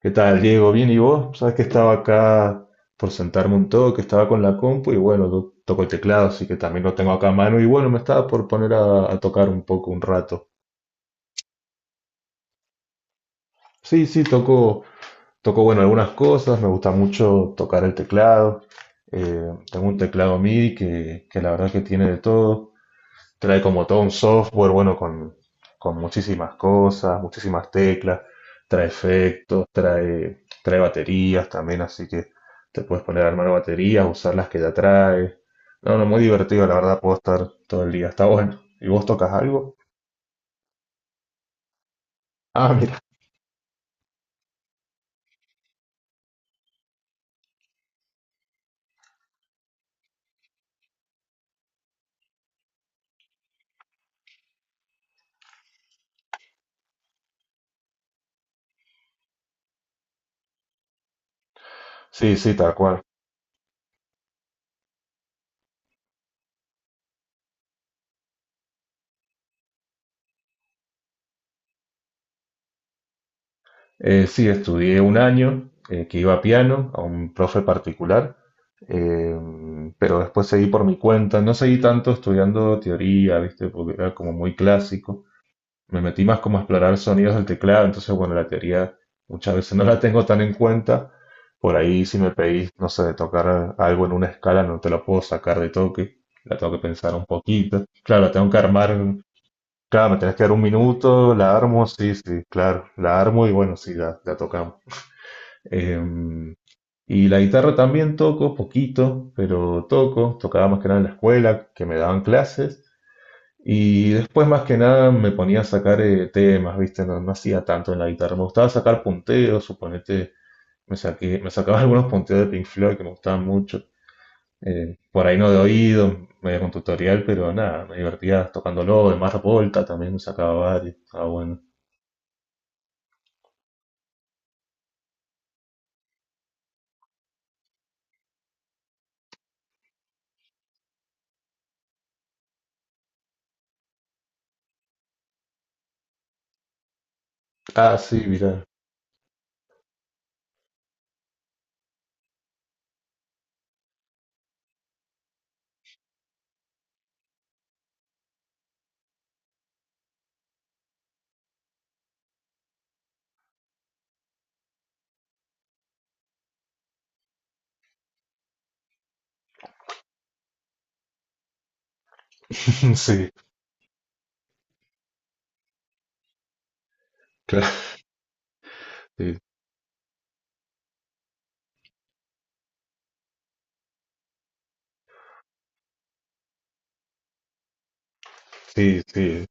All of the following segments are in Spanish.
¿Qué tal, Diego? Bien, ¿y vos? Sabes que estaba acá por sentarme un toque, estaba con la compu y bueno, toco el teclado, así que también lo tengo acá a mano y bueno, me estaba por poner a tocar un poco, un rato. Sí, sí, toco, toco, bueno, algunas cosas, me gusta mucho tocar el teclado. Eh, Tengo un teclado MIDI que la verdad que tiene de todo. Trae como todo un software, bueno, con muchísimas cosas, muchísimas teclas, trae efectos, trae baterías también, así que te puedes poner a armar baterías, usar las que ya trae. No, no, muy divertido, la verdad, puedo estar todo el día, está bueno. ¿Y vos tocas algo? Ah, mira, sí, sí, tal cual. Sí, estudié un año que iba a piano, a un profe particular, eh, pero después seguí por mi cuenta, no seguí tanto estudiando teoría, ¿viste? Porque era como muy clásico. Me metí más como a explorar sonidos del teclado, entonces bueno, la teoría muchas veces no la tengo tan en cuenta. Por ahí si me pedís, no sé, de tocar algo en una escala, no te lo puedo sacar de toque, la tengo que pensar un poquito. Claro, la tengo que armar, claro, me tenés que dar un minuto, la armo, sí, sí, claro, la armo y bueno, sí, la tocamos. Em, y la guitarra también toco, poquito, pero toco, tocaba más que nada en la escuela, que me daban clases. Y después más que nada me ponía a sacar temas, ¿viste? No, no hacía tanto en la guitarra. Me gustaba sacar punteos, suponete, me sacaba algunos punteos de Pink Floyd que me gustaban mucho. Por ahí no de oído, medio con tutorial, pero nada, me divertía tocándolo. De Mars Volta también me sacaba varios. Ah, bueno. Ah, sí, mira. Sí, claro. Sí, sí, sí.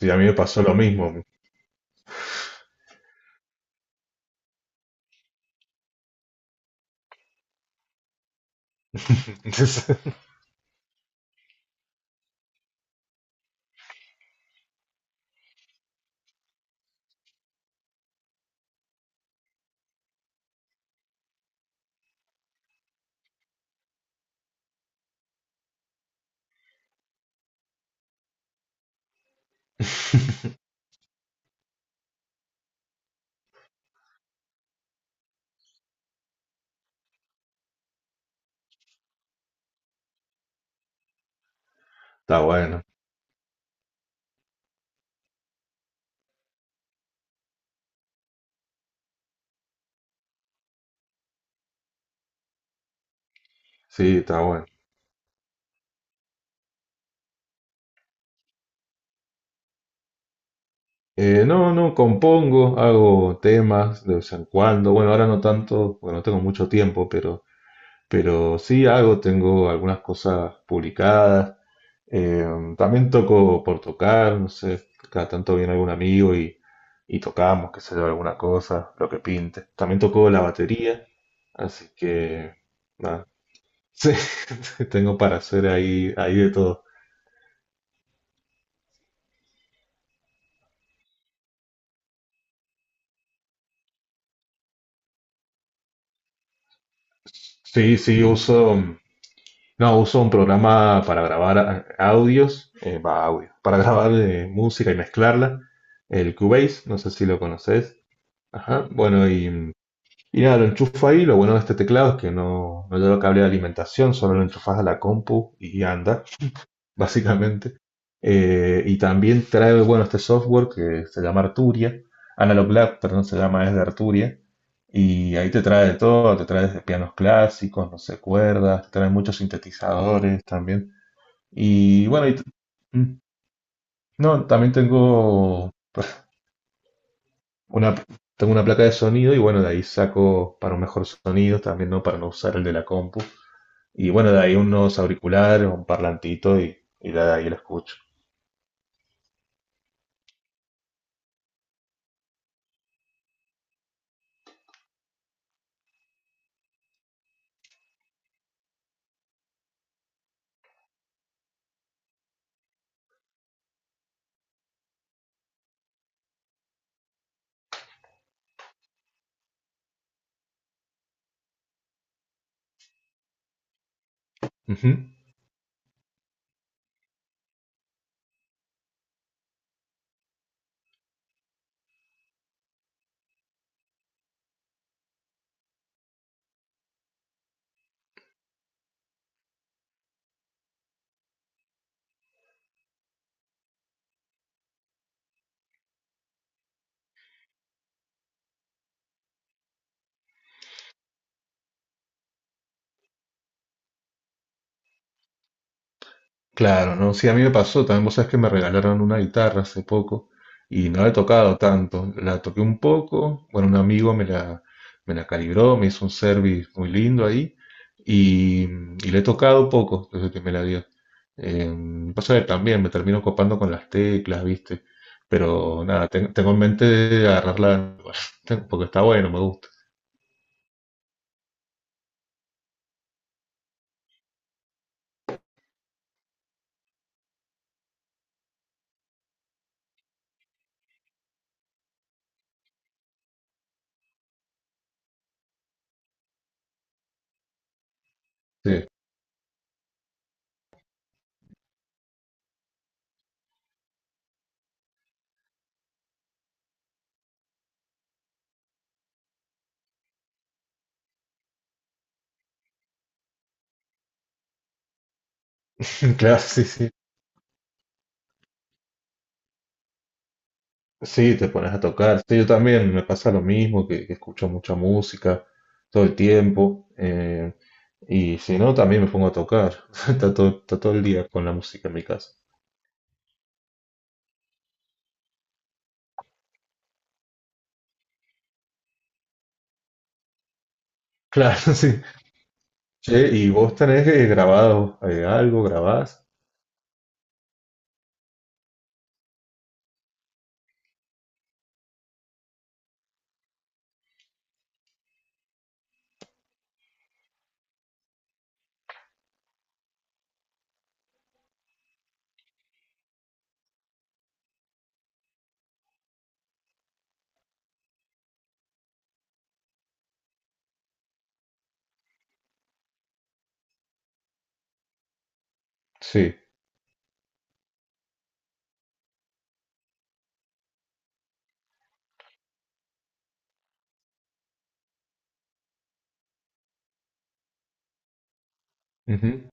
Sí, a mí me pasó lo mismo. Está bueno. Sí, está bueno. No, no, compongo, hago temas de vez en cuando. Bueno, ahora no tanto, porque no tengo mucho tiempo, pero sí hago, tengo algunas cosas publicadas. Eh, También toco por tocar, no sé, cada tanto viene algún amigo y tocamos, qué sé yo, alguna cosa, lo que pinte. También toco la batería, así que nada, sí, tengo para hacer ahí, ahí de todo. Sí, sí, uso. No, uso un programa para grabar audios, audio, para grabar música y mezclarla, el Cubase, no sé si lo conoces. Ajá, bueno, y nada, lo enchufo ahí. Lo bueno de este teclado es que no, no lleva cable de alimentación, solo lo enchufas a la compu y anda básicamente. Y también trae, bueno, este software que se llama Analog Lab, perdón, se llama, es de Arturia. Y ahí te trae de todo, te trae desde pianos clásicos, no sé, cuerdas, te trae muchos sintetizadores también. Y bueno, y t- mm, no, también tengo una, tengo una placa de sonido y bueno, de ahí saco para un mejor sonido también, ¿no? Para no usar el de la compu. Y bueno, de ahí unos auriculares, un parlantito y de ahí lo escucho. Claro, ¿no? Sí, a mí me pasó también, vos sabés que me regalaron una guitarra hace poco y no la he tocado tanto, la toqué un poco, bueno, un amigo me la calibró, me hizo un service muy lindo ahí y la he tocado poco desde que me la dio. Pasa que también me termino copando con las teclas, ¿viste? Pero nada, tengo en mente de agarrarla, porque está bueno, me gusta. Sí, claro, sí, sí. Sí, te pones a tocar. Sí, yo también me pasa lo mismo, que escucho mucha música todo el tiempo. Y si no, también me pongo a tocar. Está todo el día con la música en mi casa. Claro, sí. Che, ¿y vos tenés grabado algo? ¿Grabás? Sí. Ujú.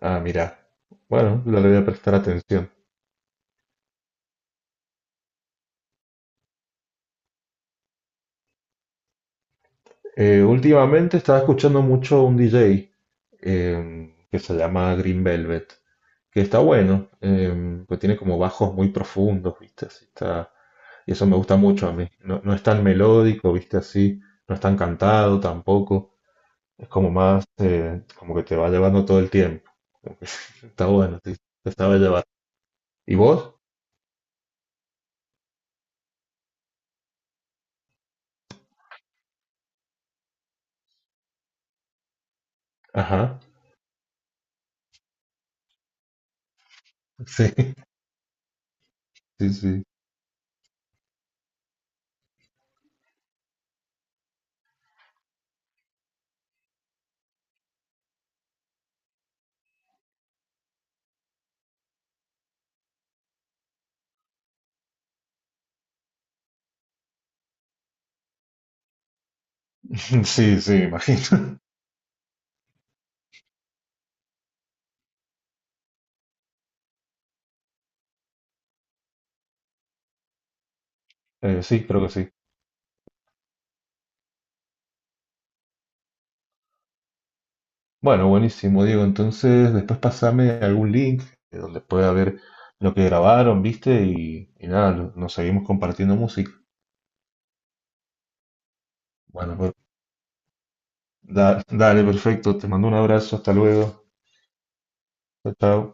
Ah, mirá. Bueno, le voy a prestar atención. Últimamente estaba escuchando mucho un DJ. Que se llama Green Velvet, que está bueno, em, pues tiene como bajos muy profundos, ¿viste? Así está, y eso me gusta mucho a mí. No, no es tan melódico, ¿viste? Así, no es tan cantado tampoco. Es como más, como que te va llevando todo el tiempo. Está bueno, sí, te sabe llevar. ¿Y vos? Ajá, sí, sí, sí. Sí, sí, imagino. Sí, creo que sí. Bueno, buenísimo, Diego. Entonces, después pasame algún link donde pueda ver lo que grabaron, ¿viste? Y y nada, nos seguimos compartiendo música. Bueno, pues, dale, perfecto. Te mando un abrazo. Hasta luego. Chao, chao.